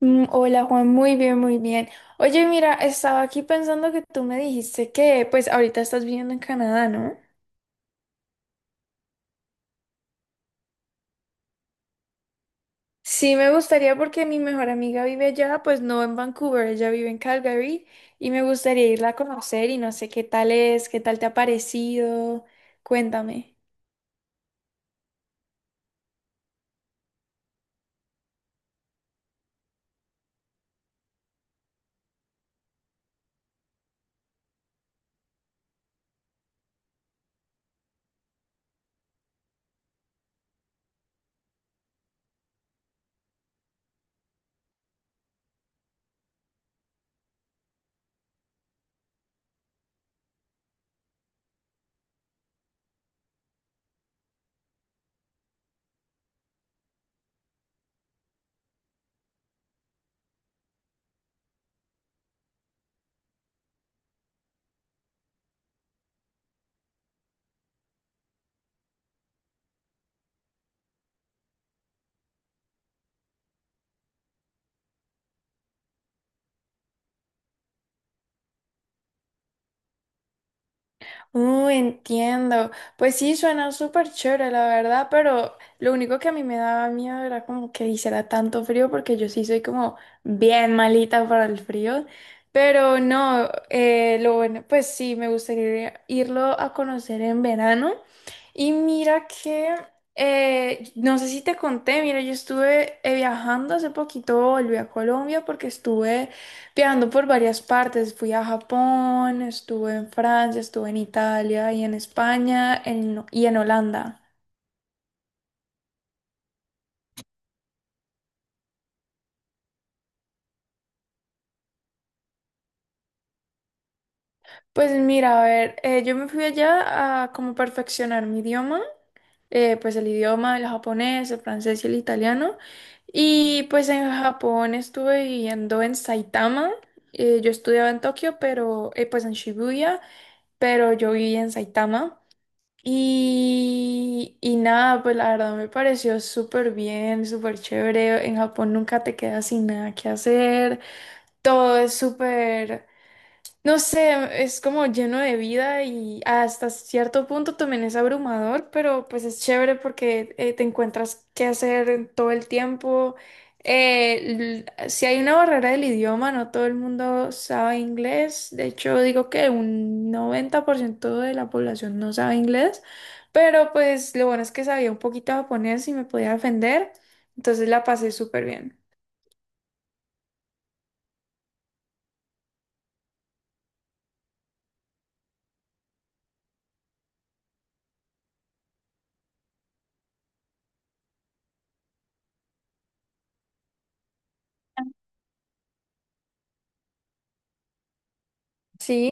Hola, Juan, muy bien, muy bien. Oye, mira, estaba aquí pensando que tú me dijiste que pues ahorita estás viviendo en Canadá, ¿no? Sí, me gustaría porque mi mejor amiga vive allá, pues no en Vancouver, ella vive en Calgary y me gustaría irla a conocer y no sé qué tal es, qué tal te ha parecido. Cuéntame. Entiendo. Pues sí, suena súper chévere, la verdad, pero lo único que a mí me daba miedo era como que hiciera tanto frío, porque yo sí soy como bien malita para el frío. Pero no, lo bueno, pues sí, me gustaría irlo a conocer en verano. Y mira que, no sé si te conté, mira, yo estuve viajando hace poquito, volví a Colombia porque estuve viajando por varias partes, fui a Japón, estuve en Francia, estuve en Italia y en España y en Holanda. Pues mira, a ver, yo me fui allá a como perfeccionar mi idioma, pues el idioma, el japonés, el francés y el italiano. Y pues en Japón estuve viviendo en Saitama. Yo estudiaba en Tokio, pero pues en Shibuya, pero yo viví en Saitama. Y nada, pues la verdad me pareció súper bien, súper chévere. En Japón nunca te quedas sin nada que hacer. Todo es súper, no sé, es como lleno de vida y hasta cierto punto también es abrumador, pero pues es chévere porque te encuentras qué hacer en todo el tiempo. Si hay una barrera del idioma, no todo el mundo sabe inglés. De hecho, digo que un 90% de la población no sabe inglés, pero pues lo bueno es que sabía un poquito japonés y me podía defender, entonces la pasé súper bien. Sí.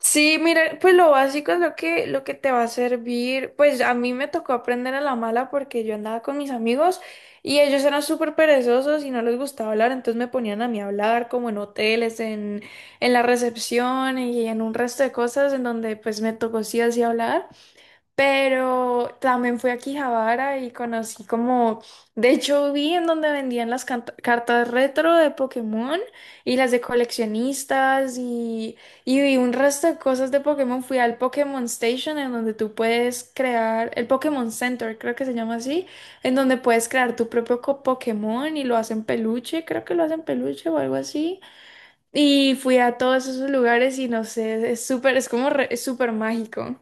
Sí, mira, pues lo básico es lo que te va a servir. Pues a mí me tocó aprender a la mala porque yo andaba con mis amigos y ellos eran súper perezosos y no les gustaba hablar, entonces me ponían a mí a hablar como en hoteles, en la recepción y en un resto de cosas en donde pues me tocó sí así hablar. Pero también fui a Quijabara y conocí como, de hecho vi en donde vendían las cartas retro de Pokémon y las de coleccionistas y vi un resto de cosas de Pokémon. Fui al Pokémon Station en donde tú puedes crear, el Pokémon Center creo que se llama así, en donde puedes crear tu propio Pokémon y lo hacen peluche, creo que lo hacen peluche o algo así. Y fui a todos esos lugares y no sé, es súper, es como es súper mágico.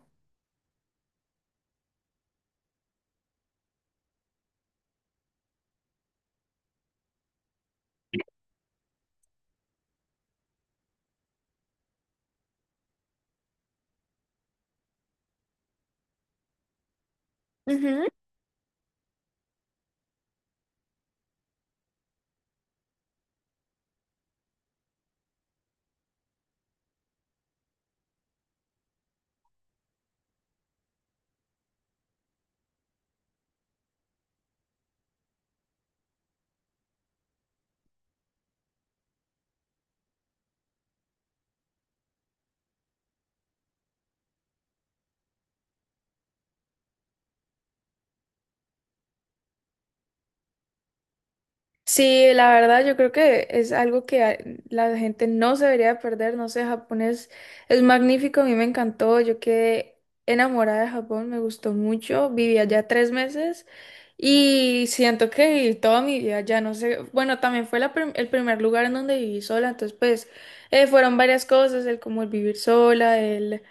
Sí, la verdad yo creo que es algo que la gente no se debería perder, no sé, Japón es magnífico, a mí me encantó, yo quedé enamorada de Japón, me gustó mucho, viví allá 3 meses y siento que viví toda mi vida allá, no sé, bueno, también fue la el primer lugar en donde viví sola, entonces pues fueron varias cosas, el como el vivir sola,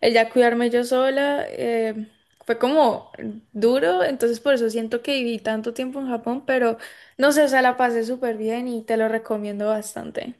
el ya cuidarme yo sola, fue como duro, entonces por eso siento que viví tanto tiempo en Japón, pero... No sé, o sea, la pasé súper bien y te lo recomiendo bastante.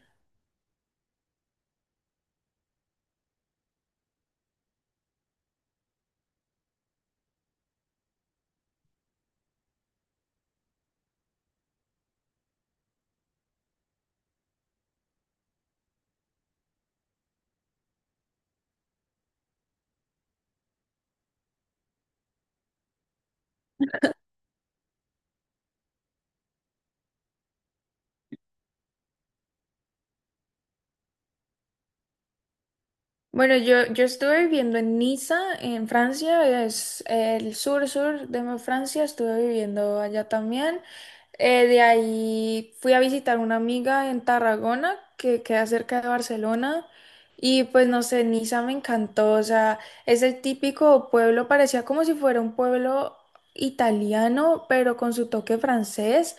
Bueno, yo estuve viviendo en Niza, en Francia, es el sur-sur de Francia, estuve viviendo allá también. De ahí fui a visitar una amiga en Tarragona, que queda cerca de Barcelona, y pues no sé, Niza me encantó, o sea, es el típico pueblo, parecía como si fuera un pueblo italiano, pero con su toque francés,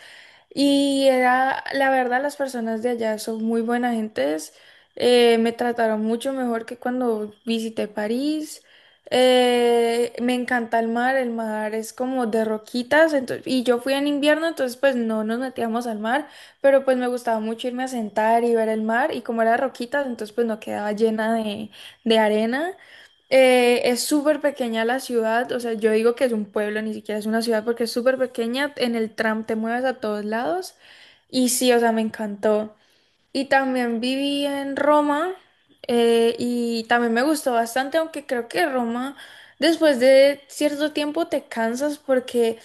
y era, la verdad, las personas de allá son muy buenas gentes, me trataron mucho mejor que cuando visité París. Me encanta el mar es como de roquitas, entonces, y yo fui en invierno, entonces pues no nos metíamos al mar, pero pues me gustaba mucho irme a sentar y ver el mar, y como era de roquitas, entonces pues no quedaba llena de arena. Es súper pequeña la ciudad, o sea, yo digo que es un pueblo, ni siquiera es una ciudad porque es súper pequeña, en el tram te mueves a todos lados, y sí, o sea, me encantó. Y también viví en Roma, y también me gustó bastante, aunque creo que Roma después de cierto tiempo te cansas porque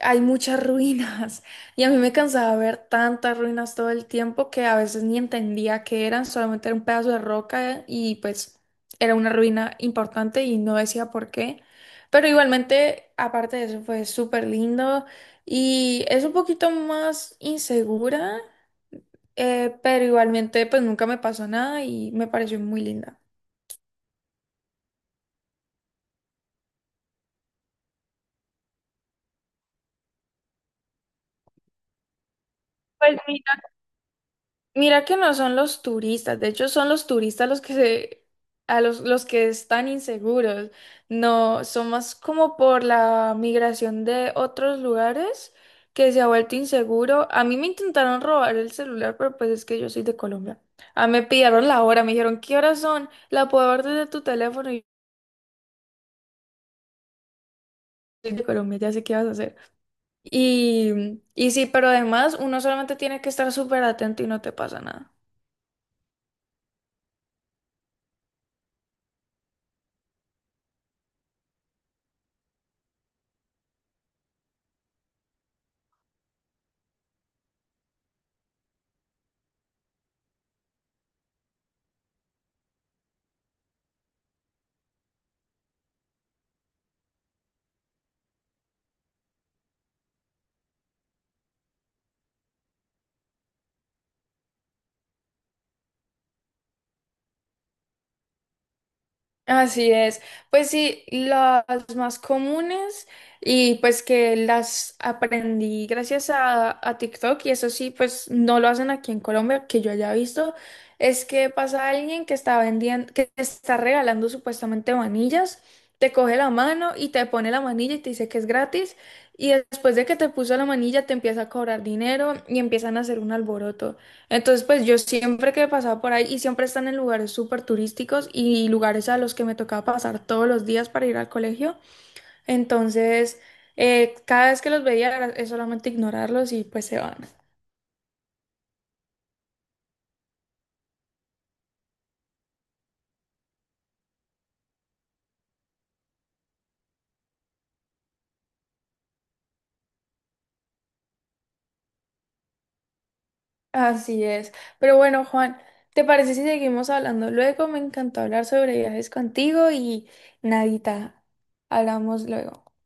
hay muchas ruinas y a mí me cansaba ver tantas ruinas todo el tiempo que a veces ni entendía qué eran, solamente era un pedazo de roca y pues era una ruina importante y no decía por qué. Pero igualmente, aparte de eso, fue súper lindo y es un poquito más insegura, pero igualmente pues nunca me pasó nada y me pareció muy linda. Pues mira que no son los turistas, de hecho son los turistas los que se, a los que están inseguros, no, son más como por la migración de otros lugares que se ha vuelto inseguro. A mí me intentaron robar el celular, pero pues es que yo soy de Colombia. Ah, me pidieron la hora, me dijeron, ¿qué horas son? ¿La puedo ver desde tu teléfono? Y yo soy de Colombia, ya sé qué vas a hacer. Y sí, pero además uno solamente tiene que estar súper atento y no te pasa nada. Así es. Pues sí, las más comunes y pues que las aprendí gracias a TikTok y eso sí, pues no lo hacen aquí en Colombia, que yo haya visto, es que pasa alguien que está vendiendo, que te está regalando supuestamente manillas, te coge la mano y te pone la manilla y te dice que es gratis y después de que te puso la manilla te empieza a cobrar dinero y empiezan a hacer un alboroto. Entonces, pues yo siempre que pasaba por ahí y siempre están en lugares súper turísticos y lugares a los que me tocaba pasar todos los días para ir al colegio. Entonces, cada vez que los veía es solamente ignorarlos y pues se van. Así es. Pero bueno, Juan, ¿te parece si seguimos hablando luego? Me encantó hablar sobre viajes contigo y nadita, hablamos luego.